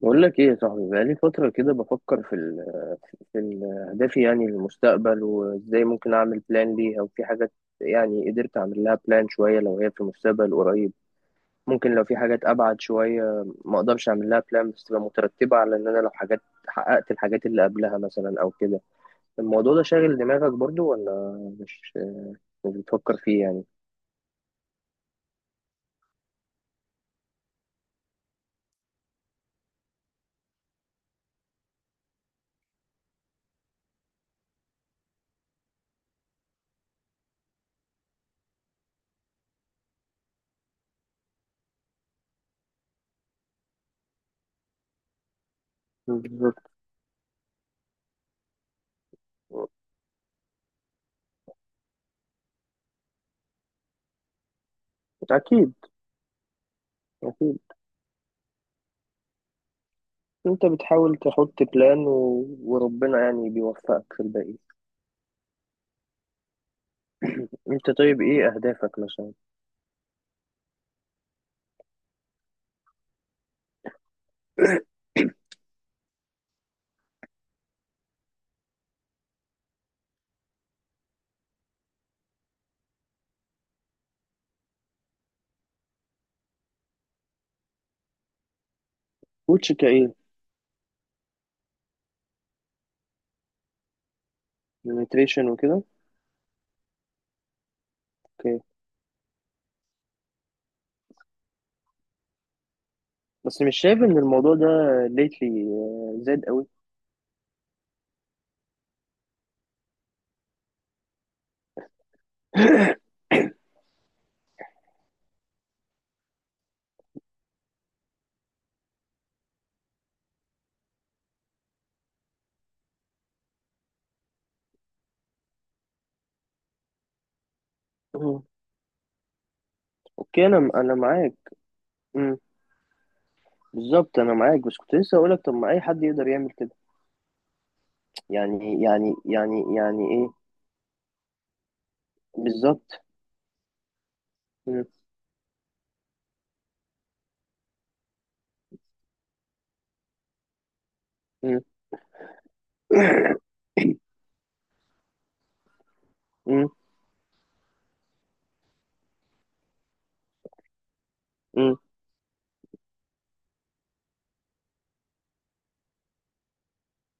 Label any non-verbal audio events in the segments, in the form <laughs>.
بقول لك ايه يا صاحبي؟ بقالي فترة كده بفكر في ال في ال اهدافي يعني للمستقبل وازاي ممكن اعمل بلان ليها. وفي حاجات يعني قدرت اعمل لها بلان شوية لو هي في المستقبل قريب، ممكن لو في حاجات ابعد شوية ما اقدرش اعمل لها بلان، بس تبقى مترتبة على ان انا لو حاجات حققت الحاجات اللي قبلها مثلا او كده. الموضوع ده شاغل دماغك برضو ولا مش مش بتفكر فيه يعني؟ بالظبط. اكيد اكيد. انت بتحاول تحط بلان وربنا يعني بيوفقك في الباقي. انت طيب ايه اهدافك مثلا؟ كوتش كايه؟ نيوتريشن وكده؟ اوكي، بس مش شايف ان الموضوع ده ليتلي زاد قوي؟ <laughs> مم. اوكي، انا معاك. مم. بالظبط انا معاك، بس كنت لسه اقولك طب ما اي حد يقدر يعمل كده. يعني ايه؟ بالظبط. مم. مم. <coughs> مم. مم.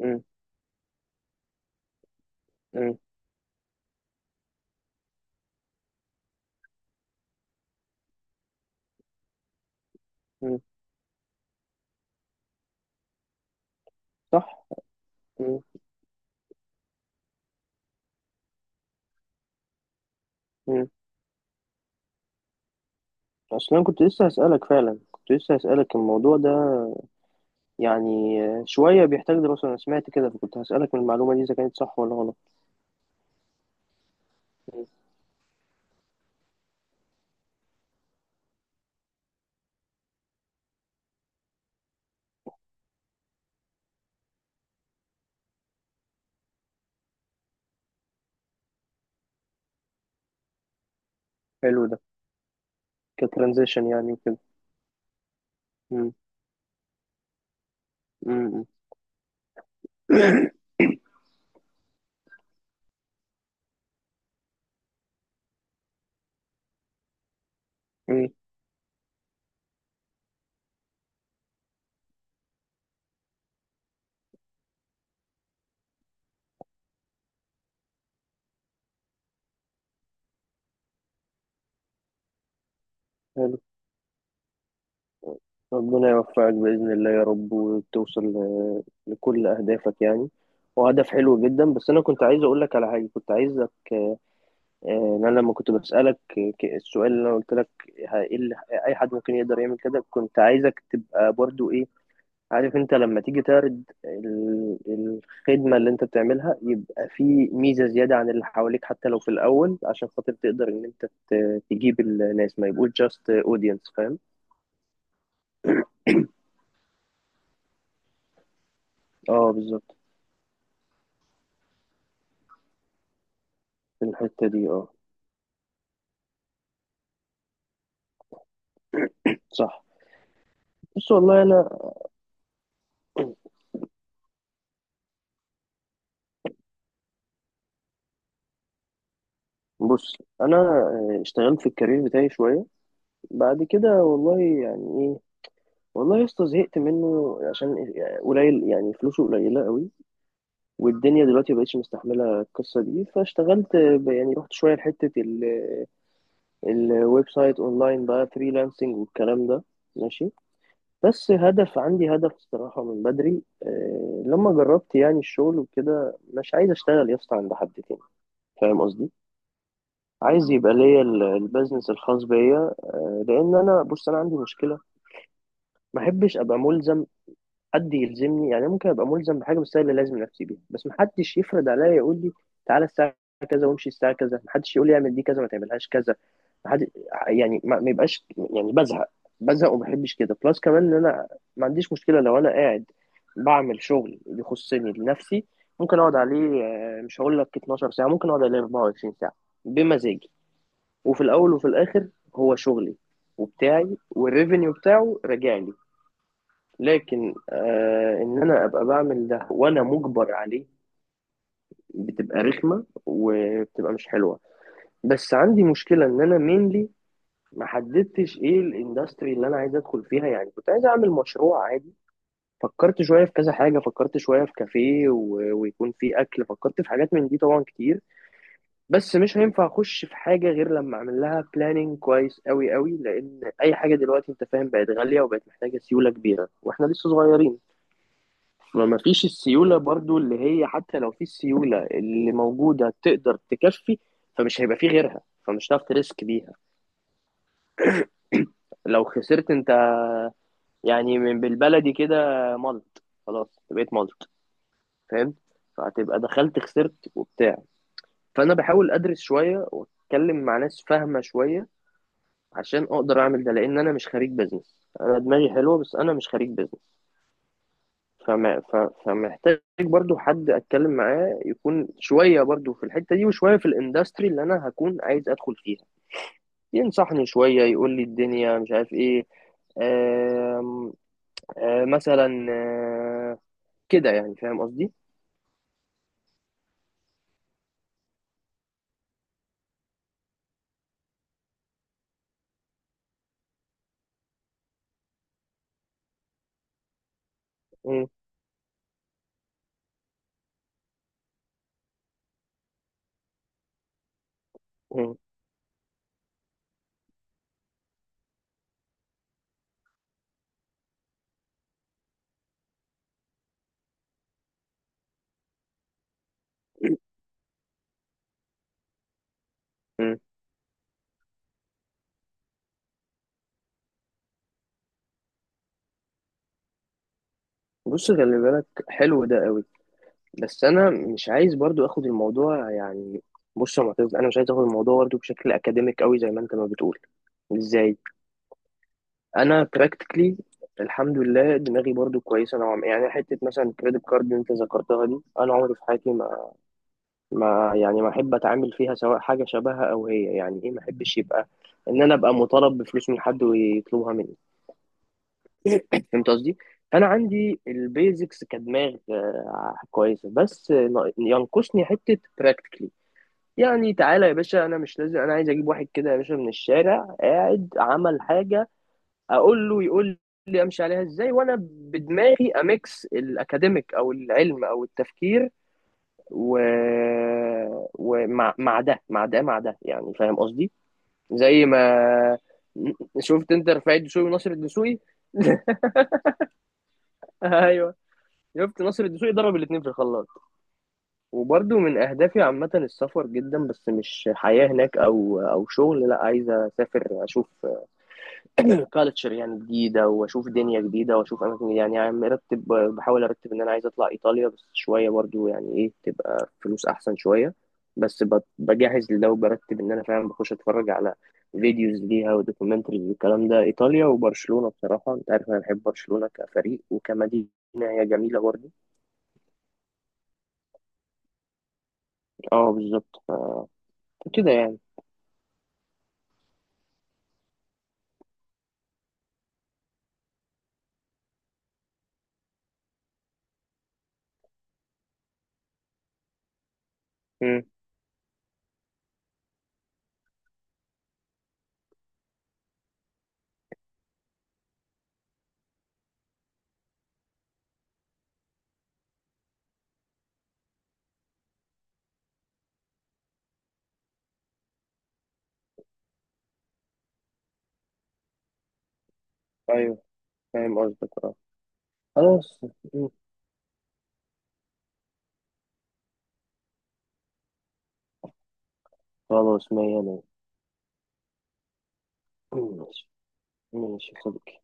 مم. مم. مم. صح. مم. مم. اصلا كنت لسه هسألك، فعلا كنت لسه هسألك الموضوع ده يعني شوية بيحتاج دراسة. أنا سمعت كده، فكنت هسألك من المعلومة دي إذا كانت صح ولا غلط. حلو ده. كترانزيشن يعني وكده؟ مم. مم. <coughs> مم. إيه، حلو. ربنا يوفقك بإذن الله يا رب، وتوصل ل- لكل أهدافك يعني. وهدف حلو جدا. بس أنا كنت عايز أقول لك على حاجة كنت عايزك آه، آه، إن أنا لما كنت بسألك، ك- السؤال اللي أنا قلت لك ه- إيه اللي إيه أي حد ممكن يقدر يعمل كده، كنت عايزك تبقى برضو إيه، عارف، انت لما تيجي تعرض ال- الخدمة اللي انت بتعملها يبقى في ميزة زيادة عن اللي حواليك، حتى لو في الأول، عشان خاطر تقدر ان انت ت- تجيب الناس ما يبقوش جاست اودينس. فاهم؟ اه بالظبط. في الحتة دي اه. صح. بص والله انا، بص انا اشتغلت في الكارير بتاعي شوية. بعد كده والله يعني ايه، والله يا اسطى زهقت منه عشان يعني قليل، يعني فلوسه قليلة قوي، والدنيا دلوقتي مبقتش مستحملة القصة دي. فاشتغلت ب- يعني رحت شوية لحتة الويب سايت اونلاين بقى، فريلانسنج والكلام ده. ماشي. بس هدف عندي، هدف الصراحة من بدري، لما جربت يعني الشغل وكده، مش عايز اشتغل يا اسطى عند حد تاني. فاهم قصدي؟ عايز يبقى ليا ال- البيزنس الخاص بيا، لان انا بص انا عندي مشكلة، ما احبش ابقى ملزم. حد يلزمني يعني، ممكن ابقى ملزم بحاجه بس هي اللي لازم نفسي بيها، بس محدش يفرض عليا يقول لي تعالى الساعه كذا وامشي الساعه كذا، محدش يقول لي اعمل دي كذا ما تعملهاش كذا. محد يعني ما يبقاش يعني بزهق، بزهق وما بحبش كده. بلس كمان ان انا ما عنديش مشكله لو انا قاعد بعمل شغل يخصني لنفسي، ممكن اقعد عليه، مش هقول لك 12 ساعة ساعه، ممكن اقعد عليه 24 ساعة ساعه بمزاجي. وفي الاول وفي الاخر هو شغلي وبتاعي، والريفينيو بتاعه راجع لي. لكن آه ان انا ابقى بعمل ده وانا مجبر عليه، بتبقى رخمه وبتبقى مش حلوه. بس عندي مشكله ان انا مينلي ما حددتش ايه الاندستري اللي انا عايز ادخل فيها. يعني كنت عايز اعمل مشروع عادي، فكرت شويه في كذا حاجه، فكرت شويه في كافيه ويكون فيه اكل، فكرت في حاجات من دي طبعا كتير. بس مش هينفع اخش في حاجه غير لما اعمل لها بلاننج كويس قوي قوي، لان اي حاجه دلوقتي انت فاهم بقت غاليه وبقت محتاجه سيوله كبيره، واحنا لسه صغيرين. ما فيش السيولة برضو اللي هي، حتى لو في السيولة اللي موجودة تقدر تكفي، فمش هيبقى في غيرها، فمش هتعرف تريسك بيها. لو خسرت انت يعني من بالبلدي كده ملط، خلاص أنت بقيت ملط. فاهم؟ فهتبقى دخلت خسرت وبتاع. فانا بحاول ادرس شوية واتكلم مع ناس فاهمة شوية عشان اقدر اعمل ده، لان انا مش خريج بزنس. انا دماغي حلوة، بس انا مش خريج بزنس. فما ف- فمحتاج برضو حد اتكلم معاه يكون شويه برضو في الحته دي، وشويه في الاندستري اللي انا هكون عايز ادخل فيها، ينصحني شويه يقول لي الدنيا مش عارف ايه. آم، مثلا كده يعني، فاهم قصدي؟ م- م- م. بص خلي بالك، حلو ده قوي، بس انا مش عايز برضو اخد الموضوع يعني. بص يا معتز، انا مش عايز اخد الموضوع برضو بشكل اكاديميك قوي زي ما انت ما بتقول. ازاي؟ انا براكتيكلي، الحمد لله دماغي برضو كويسه نوعا ما يعني. حته مثلا كريدت كارد انت ذكرتها دي، انا عمري في حياتي ما، ما احب اتعامل فيها سواء حاجه شبهها او هي يعني ايه. ما احبش يبقى ان انا ابقى مطالب بفلوس من حد ويطلبها مني. <coughs> <clears throat> فهمت قصدي؟ انا عندي البيزكس كدماغ كويسه، بس نا- ينقصني حته براكتيكلي. يعني تعالى يا باشا انا مش لازم، انا عايز اجيب واحد كده يا باشا من الشارع قاعد عمل حاجه، اقول له يقول لي امشي عليها ازاي، وانا بدماغي اميكس الاكاديميك او العلم او التفكير و... ومع مع ده يعني، فاهم قصدي؟ زي ما شفت انت رفاعي الدسوقي وناصر الدسوقي. <laughs> ايوه، شفت ناصر الدسوقي ضرب الاثنين في الخلاط. وبرده من اهدافي عامه السفر جدا، بس مش حياه هناك او شغل، لا، عايز اسافر اشوف كالتشر يعني جديدة، وأشوف دنيا جديدة، وأشوف أماكن جديدة يعني. عم مرتب، بحاول أرتب إن أنا عايز أطلع إيطاليا، بس شوية برضو يعني إيه تبقى فلوس أحسن شوية. بس ب- بجهز لده وبرتب إن أنا فعلا بخش أتفرج على فيديوز ليها ودوكيومنتريز والكلام ده، إيطاليا وبرشلونة. بصراحة أنت عارف أنا بحب برشلونة كفريق وكمدينة، هي جميلة برضو. أه بالظبط. ف- فكده يعني. مم. أيوه فاهم قصدك أه. خلاص. مم. خلاص مية مية. مم، ماشي. ماشي يا صديقي.